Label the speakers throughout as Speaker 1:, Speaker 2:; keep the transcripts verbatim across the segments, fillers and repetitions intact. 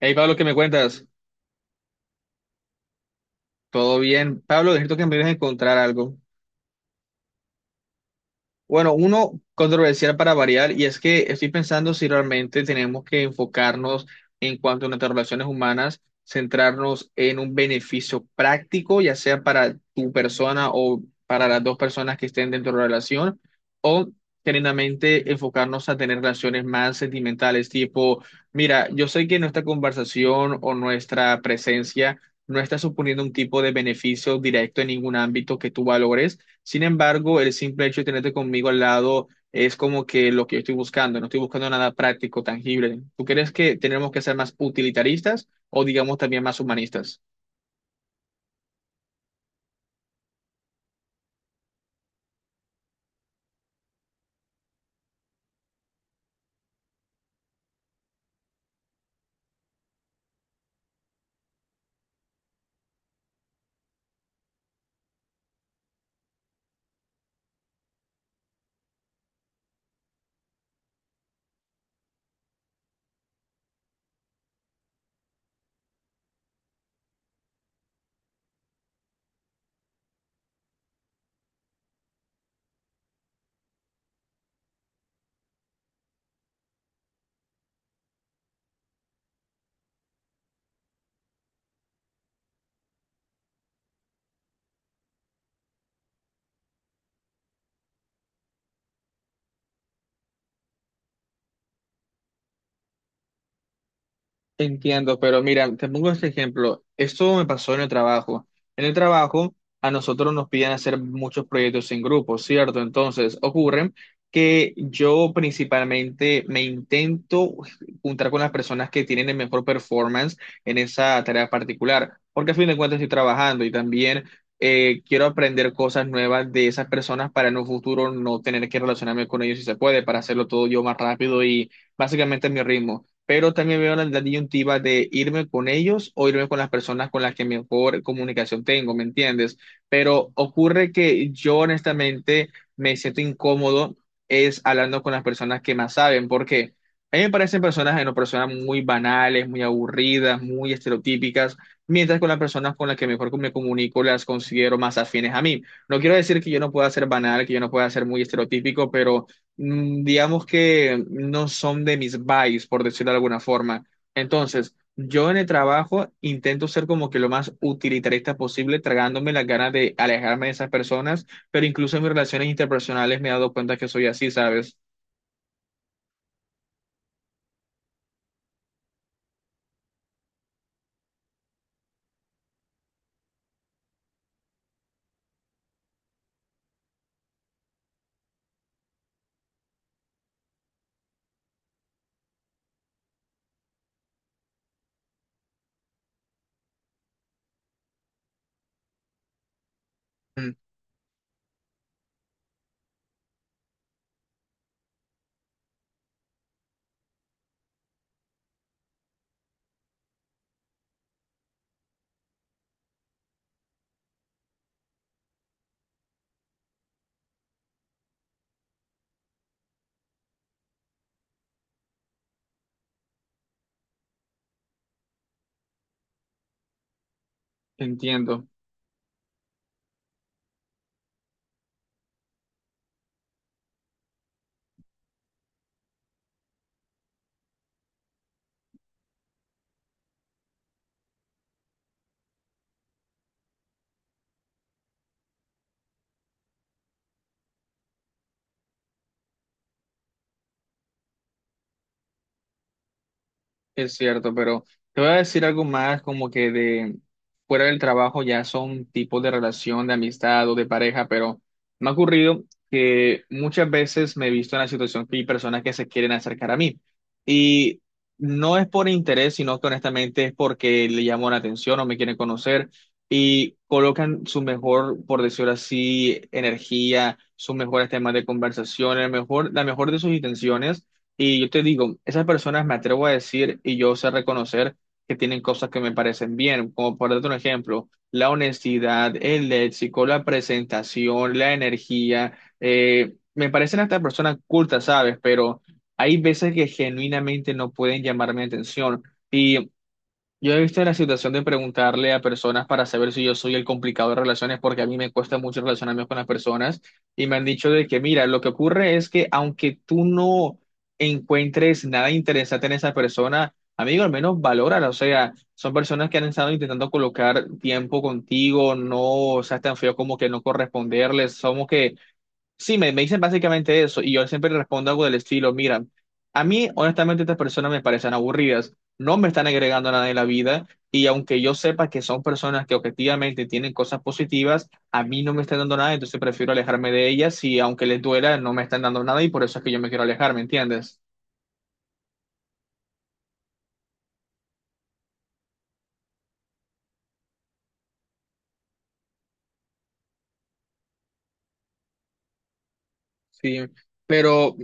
Speaker 1: Hey Pablo, ¿qué me cuentas? ¿Todo bien? Pablo, necesito que me ayudes a encontrar algo. Bueno, uno controversial para variar, y es que estoy pensando si realmente tenemos que enfocarnos en cuanto a nuestras relaciones humanas, centrarnos en un beneficio práctico, ya sea para tu persona o para las dos personas que estén dentro de la relación, o genuinamente enfocarnos a tener relaciones más sentimentales, tipo, mira, yo sé que nuestra conversación o nuestra presencia no está suponiendo un tipo de beneficio directo en ningún ámbito que tú valores, sin embargo, el simple hecho de tenerte conmigo al lado es como que lo que yo estoy buscando, no estoy buscando nada práctico, tangible. ¿Tú crees que tenemos que ser más utilitaristas o digamos también más humanistas? Entiendo, pero mira, te pongo este ejemplo. Esto me pasó en el trabajo. En el trabajo, a nosotros nos piden hacer muchos proyectos en grupo, ¿cierto? Entonces, ocurre que yo principalmente me intento juntar con las personas que tienen el mejor performance en esa tarea particular, porque a fin de cuentas estoy trabajando y también eh, quiero aprender cosas nuevas de esas personas para en un futuro no tener que relacionarme con ellos si se puede, para hacerlo todo yo más rápido y básicamente a mi ritmo, pero también veo la, la disyuntiva de irme con ellos o irme con las personas con las que mejor comunicación tengo, ¿me entiendes? Pero ocurre que yo honestamente me siento incómodo es hablando con las personas que más saben, porque a mí me parecen personas, no, personas muy banales, muy aburridas, muy estereotípicas, mientras con las personas con las que mejor me comunico las considero más afines a mí. No quiero decir que yo no pueda ser banal, que yo no pueda ser muy estereotípico, pero mm, digamos que no son de mis vibes, por decirlo de alguna forma. Entonces, yo en el trabajo intento ser como que lo más utilitarista posible, tragándome las ganas de alejarme de esas personas, pero incluso en mis relaciones interpersonales me he dado cuenta que soy así, ¿sabes? Mm, entiendo. Es cierto, pero te voy a decir algo más como que de fuera del trabajo ya son tipos de relación, de amistad o de pareja, pero me ha ocurrido que muchas veces me he visto en la situación que hay personas que se quieren acercar a mí y no es por interés, sino que honestamente es porque le llamo la atención o me quieren conocer y colocan su mejor, por decirlo así, energía, sus mejores temas de conversación, el mejor, la mejor de sus intenciones y yo te digo, esas personas me atrevo a decir y yo sé reconocer que tienen cosas que me parecen bien, como por darte un ejemplo, la honestidad, el léxico, la presentación, la energía. Eh, me parecen hasta personas cultas, ¿sabes? Pero hay veces que genuinamente no pueden llamar mi atención. Yo he visto la situación de preguntarle a personas para saber si yo soy el complicado de relaciones, porque a mí me cuesta mucho relacionarme con las personas y me han dicho de que, mira, lo que ocurre es que aunque tú no encuentres nada interesante en esa persona, amigo, al menos valórala. O sea, son personas que han estado intentando colocar tiempo contigo, no seas tan feo como que no corresponderles. Somos que sí, me, me dicen básicamente eso y yo siempre respondo algo del estilo, mira, a mí honestamente estas personas me parecen aburridas, no me están agregando nada en la vida y aunque yo sepa que son personas que objetivamente tienen cosas positivas, a mí no me están dando nada, entonces prefiero alejarme de ellas y aunque les duela, no me están dando nada y por eso es que yo me quiero alejar, ¿me entiendes? Sí, pero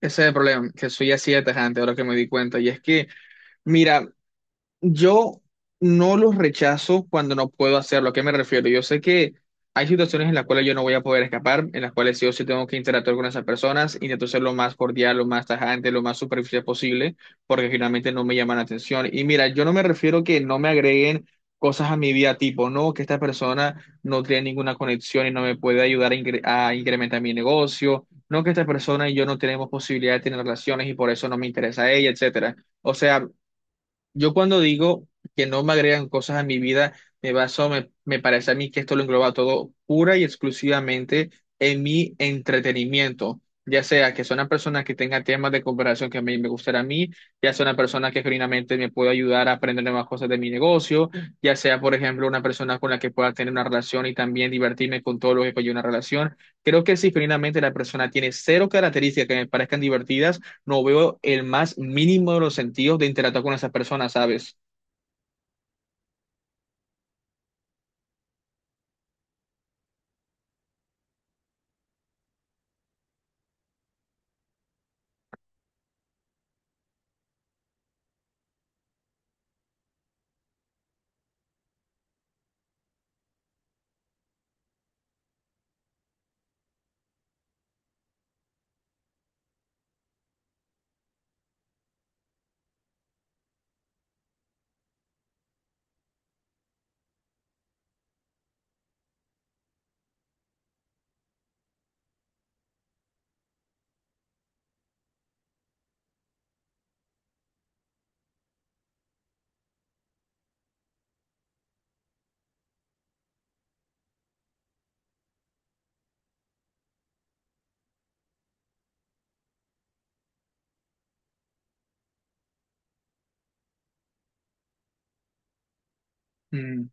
Speaker 1: ese es el problema, que soy así de tajante ahora que me di cuenta y es que... Mira, yo no los rechazo cuando no puedo hacerlo. ¿A qué me refiero? Yo sé que hay situaciones en las cuales yo no voy a poder escapar, en las cuales sí o sí tengo que interactuar con esas personas, intento ser lo más cordial, lo más tajante, lo más superficial posible, porque finalmente no me llaman la atención. Y mira, yo no me refiero que no me agreguen cosas a mi vida tipo, no, que esta persona no tiene ninguna conexión y no me puede ayudar a, incre- a incrementar mi negocio, no, que esta persona y yo no tenemos posibilidad de tener relaciones y por eso no me interesa a ella, etcétera. O sea, yo cuando digo que no me agregan cosas a mi vida, me baso, me, me parece a mí que esto lo engloba todo pura y exclusivamente en mi entretenimiento. Ya sea que sea una persona que tenga temas de cooperación que me, me gustará a mí, ya sea una persona que genuinamente me pueda ayudar a aprender nuevas cosas de mi negocio, ya sea, por ejemplo, una persona con la que pueda tener una relación y también divertirme con todo lo que conlleva una relación. Creo que si genuinamente la persona tiene cero características que me parezcan divertidas, no veo el más mínimo de los sentidos de interactuar con esas personas, ¿sabes? Mm.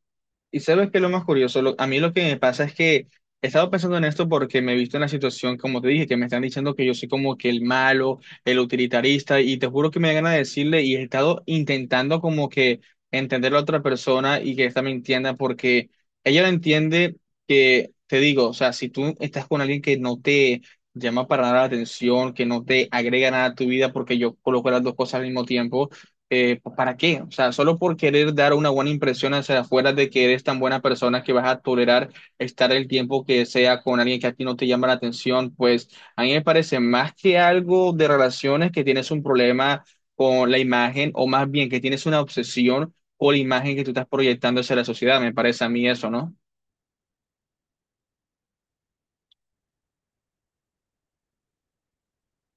Speaker 1: Y sabes que lo más curioso, Lo- a mí lo que me pasa es que he estado pensando en esto porque me he visto en la situación, como te dije, que me están diciendo que yo soy como que el malo, el utilitarista, y te juro que me da ganas de decirle, y he estado intentando como que entender a la otra persona y que esta me entienda, porque ella lo entiende que, te digo, o sea, si tú estás con alguien que no te llama para nada la atención, que no te agrega nada a tu vida, porque yo coloco las dos cosas al mismo tiempo eh, pues, ¿para qué? O sea, solo por querer dar una buena impresión hacia afuera de que eres tan buena persona que vas a tolerar estar el tiempo que sea con alguien que a ti no te llama la atención, pues a mí me parece más que algo de relaciones que tienes un problema con la imagen o más bien que tienes una obsesión con la imagen que tú estás proyectando hacia la sociedad, me parece a mí eso, ¿no?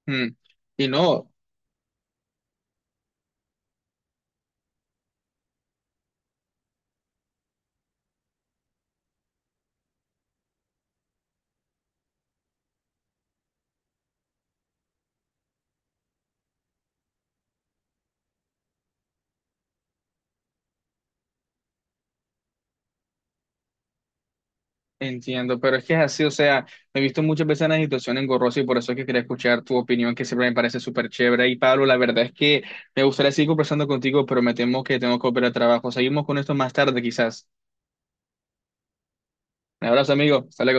Speaker 1: Mm. Y no. Entiendo, pero es que es así, o sea, me he visto muchas veces en la situación engorrosa y por eso es que quería escuchar tu opinión, que siempre me parece súper chévere. Y Pablo, la verdad es que me gustaría seguir conversando contigo, pero me temo que tengo que volver al trabajo. Seguimos con esto más tarde, quizás. Un abrazo, amigo. Hasta luego.